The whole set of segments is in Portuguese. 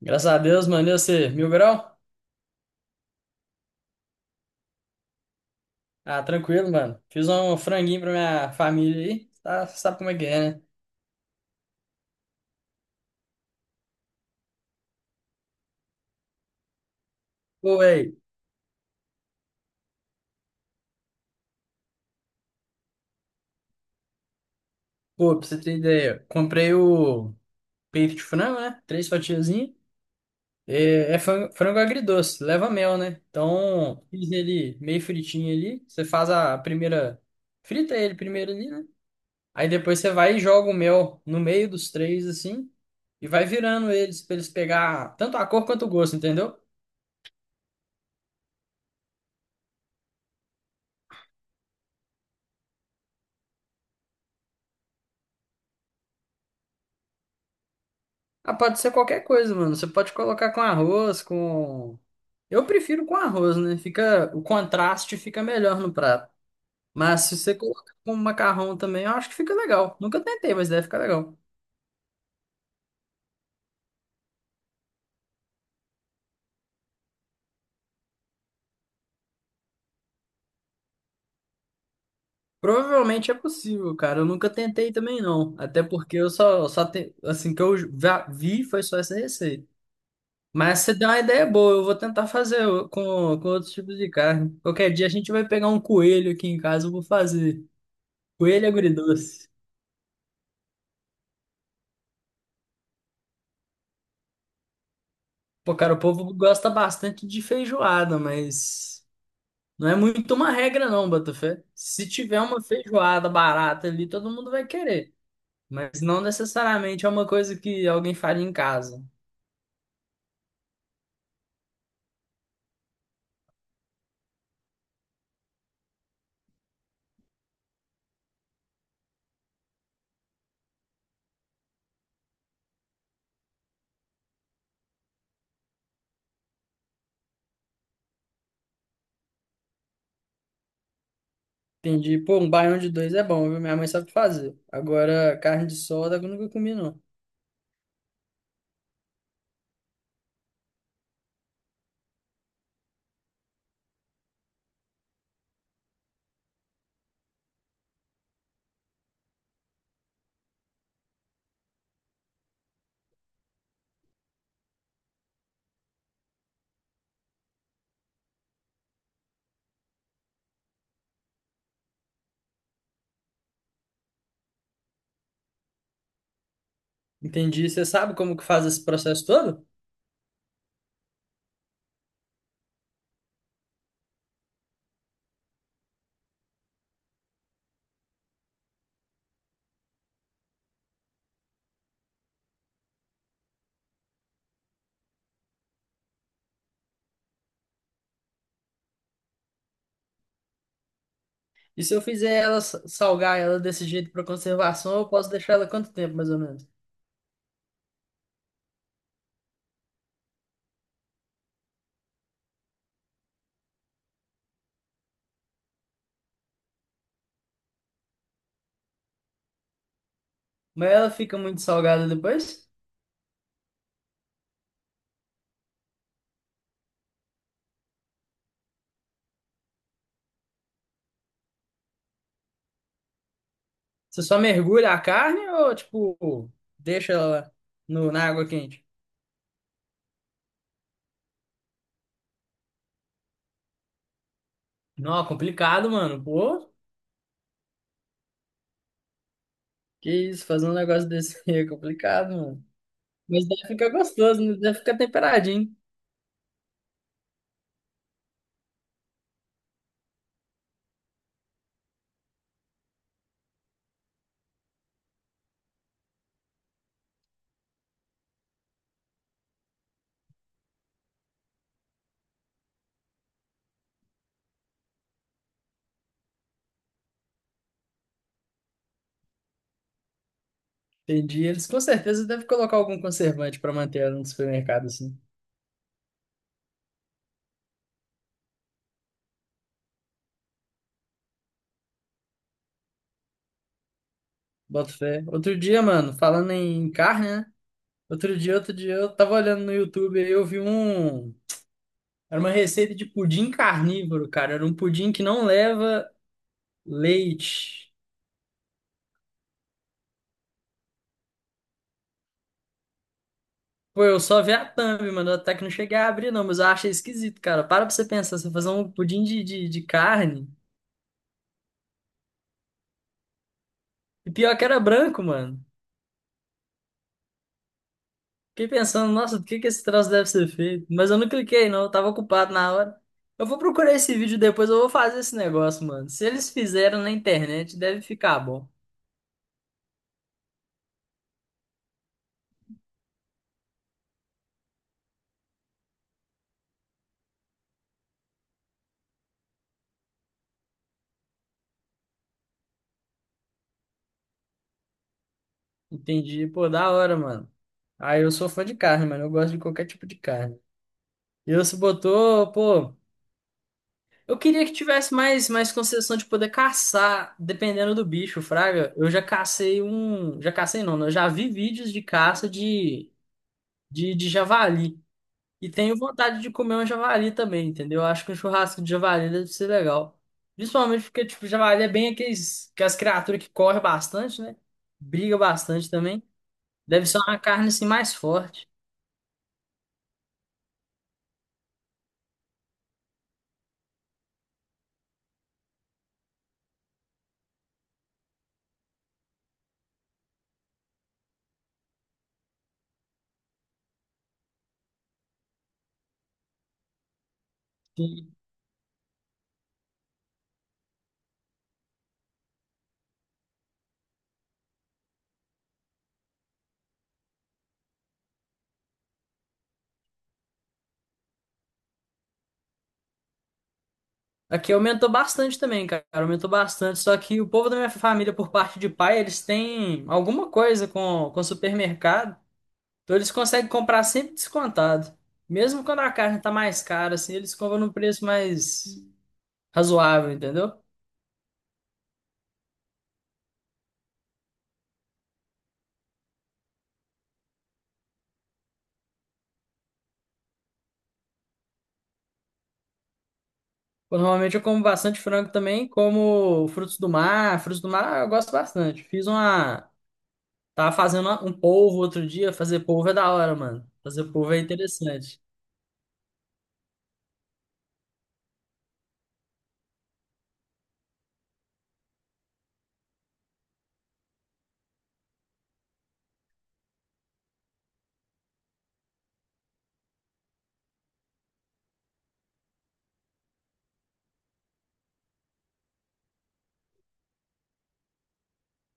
Graças a Deus, mano. E você, mil grau? Ah, tranquilo, mano. Fiz um franguinho pra minha família aí. Tá, sabe como é que é, né? Pô, véi. Pô, pra você ter ideia, comprei o peito de frango, né? Três fatiazinhas. É frango, frango agridoce, leva mel, né? Então, fiz ele meio fritinho ali. Você faz a primeira. Frita ele primeiro ali, né? Aí depois você vai e joga o mel no meio dos três, assim. E vai virando eles pra eles pegar tanto a cor quanto o gosto, entendeu? Ah, pode ser qualquer coisa, mano. Você pode colocar com arroz, com. Eu prefiro com arroz, né? Fica... O contraste fica melhor no prato. Mas se você colocar com macarrão também, eu acho que fica legal. Nunca tentei, mas deve ficar legal. Provavelmente é possível, cara. Eu nunca tentei também, não. Até porque eu só te... assim que eu já vi foi só essa receita. Mas você deu uma ideia boa, eu vou tentar fazer o- com outros tipos de carne. Qualquer dia a gente vai pegar um coelho aqui em casa, eu vou fazer. Coelho agridoce. Pô, cara, o povo gosta bastante de feijoada, mas não é muito uma regra, não, Botafé. Se tiver uma feijoada barata ali, todo mundo vai querer. Mas não necessariamente é uma coisa que alguém faria em casa. Entendi. Pô, um baião de dois é bom, viu? Minha mãe sabe fazer. Agora, carne de solda eu nunca comi, não. Entendi. Você sabe como que faz esse processo todo? E se eu fizer ela sa- salgar ela desse jeito para conservação, eu posso deixar ela quanto tempo, mais ou menos? Mas ela fica muito salgada depois? Você só mergulha a carne ou, tipo, deixa ela no, na água quente? Não, complicado, mano. Pô, que isso, fazer um negócio desse aí é complicado, mano. Mas deve ficar gostoso, né? Deve ficar temperadinho. Entendi. Eles com certeza devem colocar algum conservante pra manter ela no supermercado, assim. Boto fé. Outro dia, mano, falando em carne, né? Outro dia, eu tava olhando no YouTube e eu vi um. Era uma receita de pudim carnívoro, cara. Era um pudim que não leva leite. Pô, eu só vi a thumb, mano. Até que não cheguei a abrir, não, mas eu achei esquisito, cara. Para pra você pensar, você fazer um pudim de carne. E pior que era branco, mano. Fiquei pensando, nossa, do que esse troço deve ser feito? Mas eu não cliquei, não. Eu tava ocupado na hora. Eu vou procurar esse vídeo depois, eu vou fazer esse negócio, mano. Se eles fizeram na internet, deve ficar bom. Entendi. Pô, da hora, mano. Ah, eu sou fã de carne, mano. Eu gosto de qualquer tipo de carne. E eu se botou, pô. Eu queria que tivesse mais concessão de poder caçar, dependendo do bicho, fraga. Eu já cacei um. Já cacei não, né? Eu já vi vídeos de caça de javali. E tenho vontade de comer um javali também, entendeu? Eu acho que um churrasco de javali deve ser legal. Principalmente porque, tipo, javali é bem aqueles, aquelas criaturas que correm bastante, né? Briga bastante também. Deve ser uma carne, assim, mais forte. Aqui aumentou bastante também, cara. Aumentou bastante. Só que o povo da minha família, por parte de pai, eles têm alguma coisa com supermercado. Então eles conseguem comprar sempre descontado. Mesmo quando a carne tá mais cara, assim, eles compram num preço mais razoável, entendeu? Pô, normalmente eu como bastante frango também, como frutos do mar. Frutos do mar eu gosto bastante. Fiz uma. Tava fazendo uma- um polvo outro dia. Fazer polvo é da hora, mano. Fazer polvo é interessante.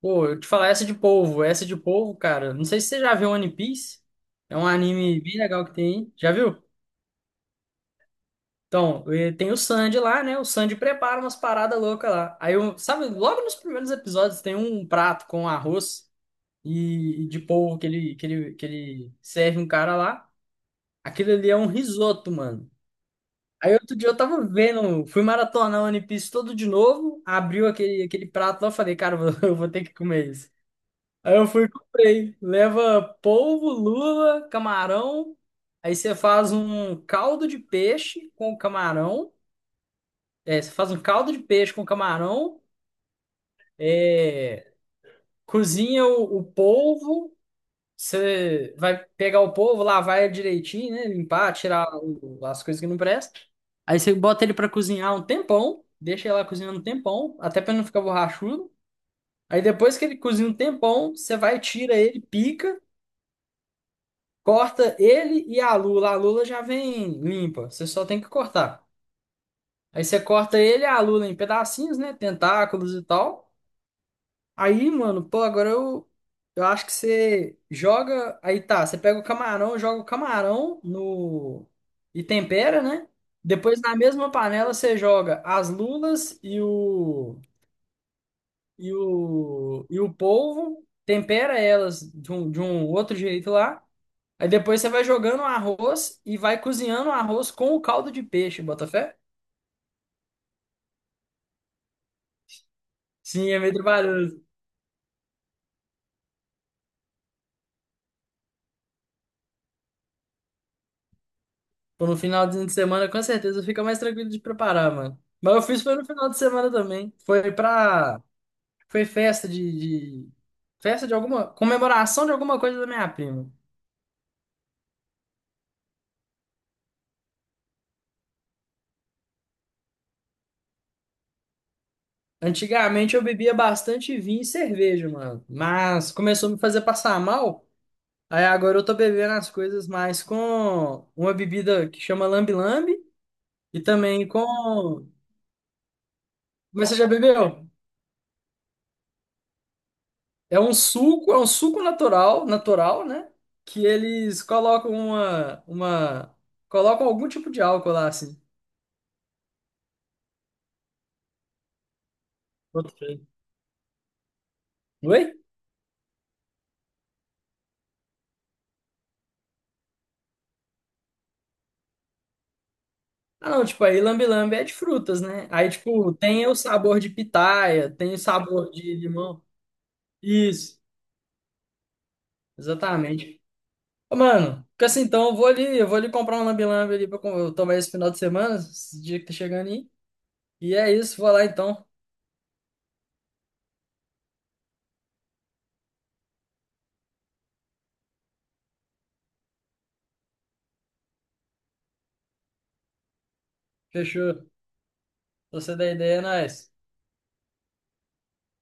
Pô, eu te falar essa de polvo, cara. Não sei se você já viu One Piece. É um anime bem legal que tem aí. Já viu? Então, tem o Sandy lá, né? O Sandy prepara umas paradas loucas lá. Aí, eu, sabe, logo nos primeiros episódios tem um prato com arroz e de polvo que ele serve um cara lá. Aquilo ali é um risoto, mano. Aí outro dia eu tava vendo, fui maratonar o One Piece todo de novo, abriu aquele prato lá, eu falei, cara, eu vou ter que comer isso. Aí eu fui e comprei. Leva polvo, lula, camarão. Aí você faz um caldo de peixe com camarão. É, você faz um caldo de peixe com camarão. É, cozinha o polvo. Você vai pegar o polvo, lavar ele direitinho, né? Limpar, tirar o- as coisas que não prestam. Aí você bota ele para cozinhar um tempão. Deixa ele lá cozinhando um tempão, até para não ficar borrachudo. Aí depois que ele cozinha um tempão, você vai, tira ele, pica. Corta ele e a lula. A lula já vem limpa, você só tem que cortar. Aí você corta ele e a lula em pedacinhos, né? Tentáculos e tal. Aí, mano, pô, agora eu acho que você joga. Aí tá, você pega o camarão, joga o camarão no. E tempera, né? Depois na mesma panela você joga as lulas e o polvo, tempera elas de um outro jeito lá. Aí depois você vai jogando o arroz e vai cozinhando o arroz com o caldo de peixe, bota fé? Sim, é meio trabalhoso. Pô, no finalzinho de semana, com certeza, fica mais tranquilo de preparar, mano. Mas eu fiz foi no final de semana também. Foi pra. Foi festa de- Festa de alguma. Comemoração de alguma coisa da minha prima. Antigamente eu bebia bastante vinho e cerveja, mano. Mas começou a me fazer passar mal. Aí agora eu tô bebendo as coisas mais com uma bebida que chama lambe-lambe e também com. Mas você já bebeu? É um suco natural, natural, né? Que eles colocam colocam algum tipo de álcool lá, assim. Boto fé. Oi? Ah, não, tipo, aí lambe-lambe é de frutas, né? Aí, tipo, tem o sabor de pitaia, tem o sabor de limão. Isso, exatamente. Ô, mano, fica assim, então, eu vou ali comprar um lambe-lambe ali pra com- eu tomar esse final de semana, esse dia que tá chegando aí. E é isso, vou lá então. Fechou. Se você dá ideia, é nóis.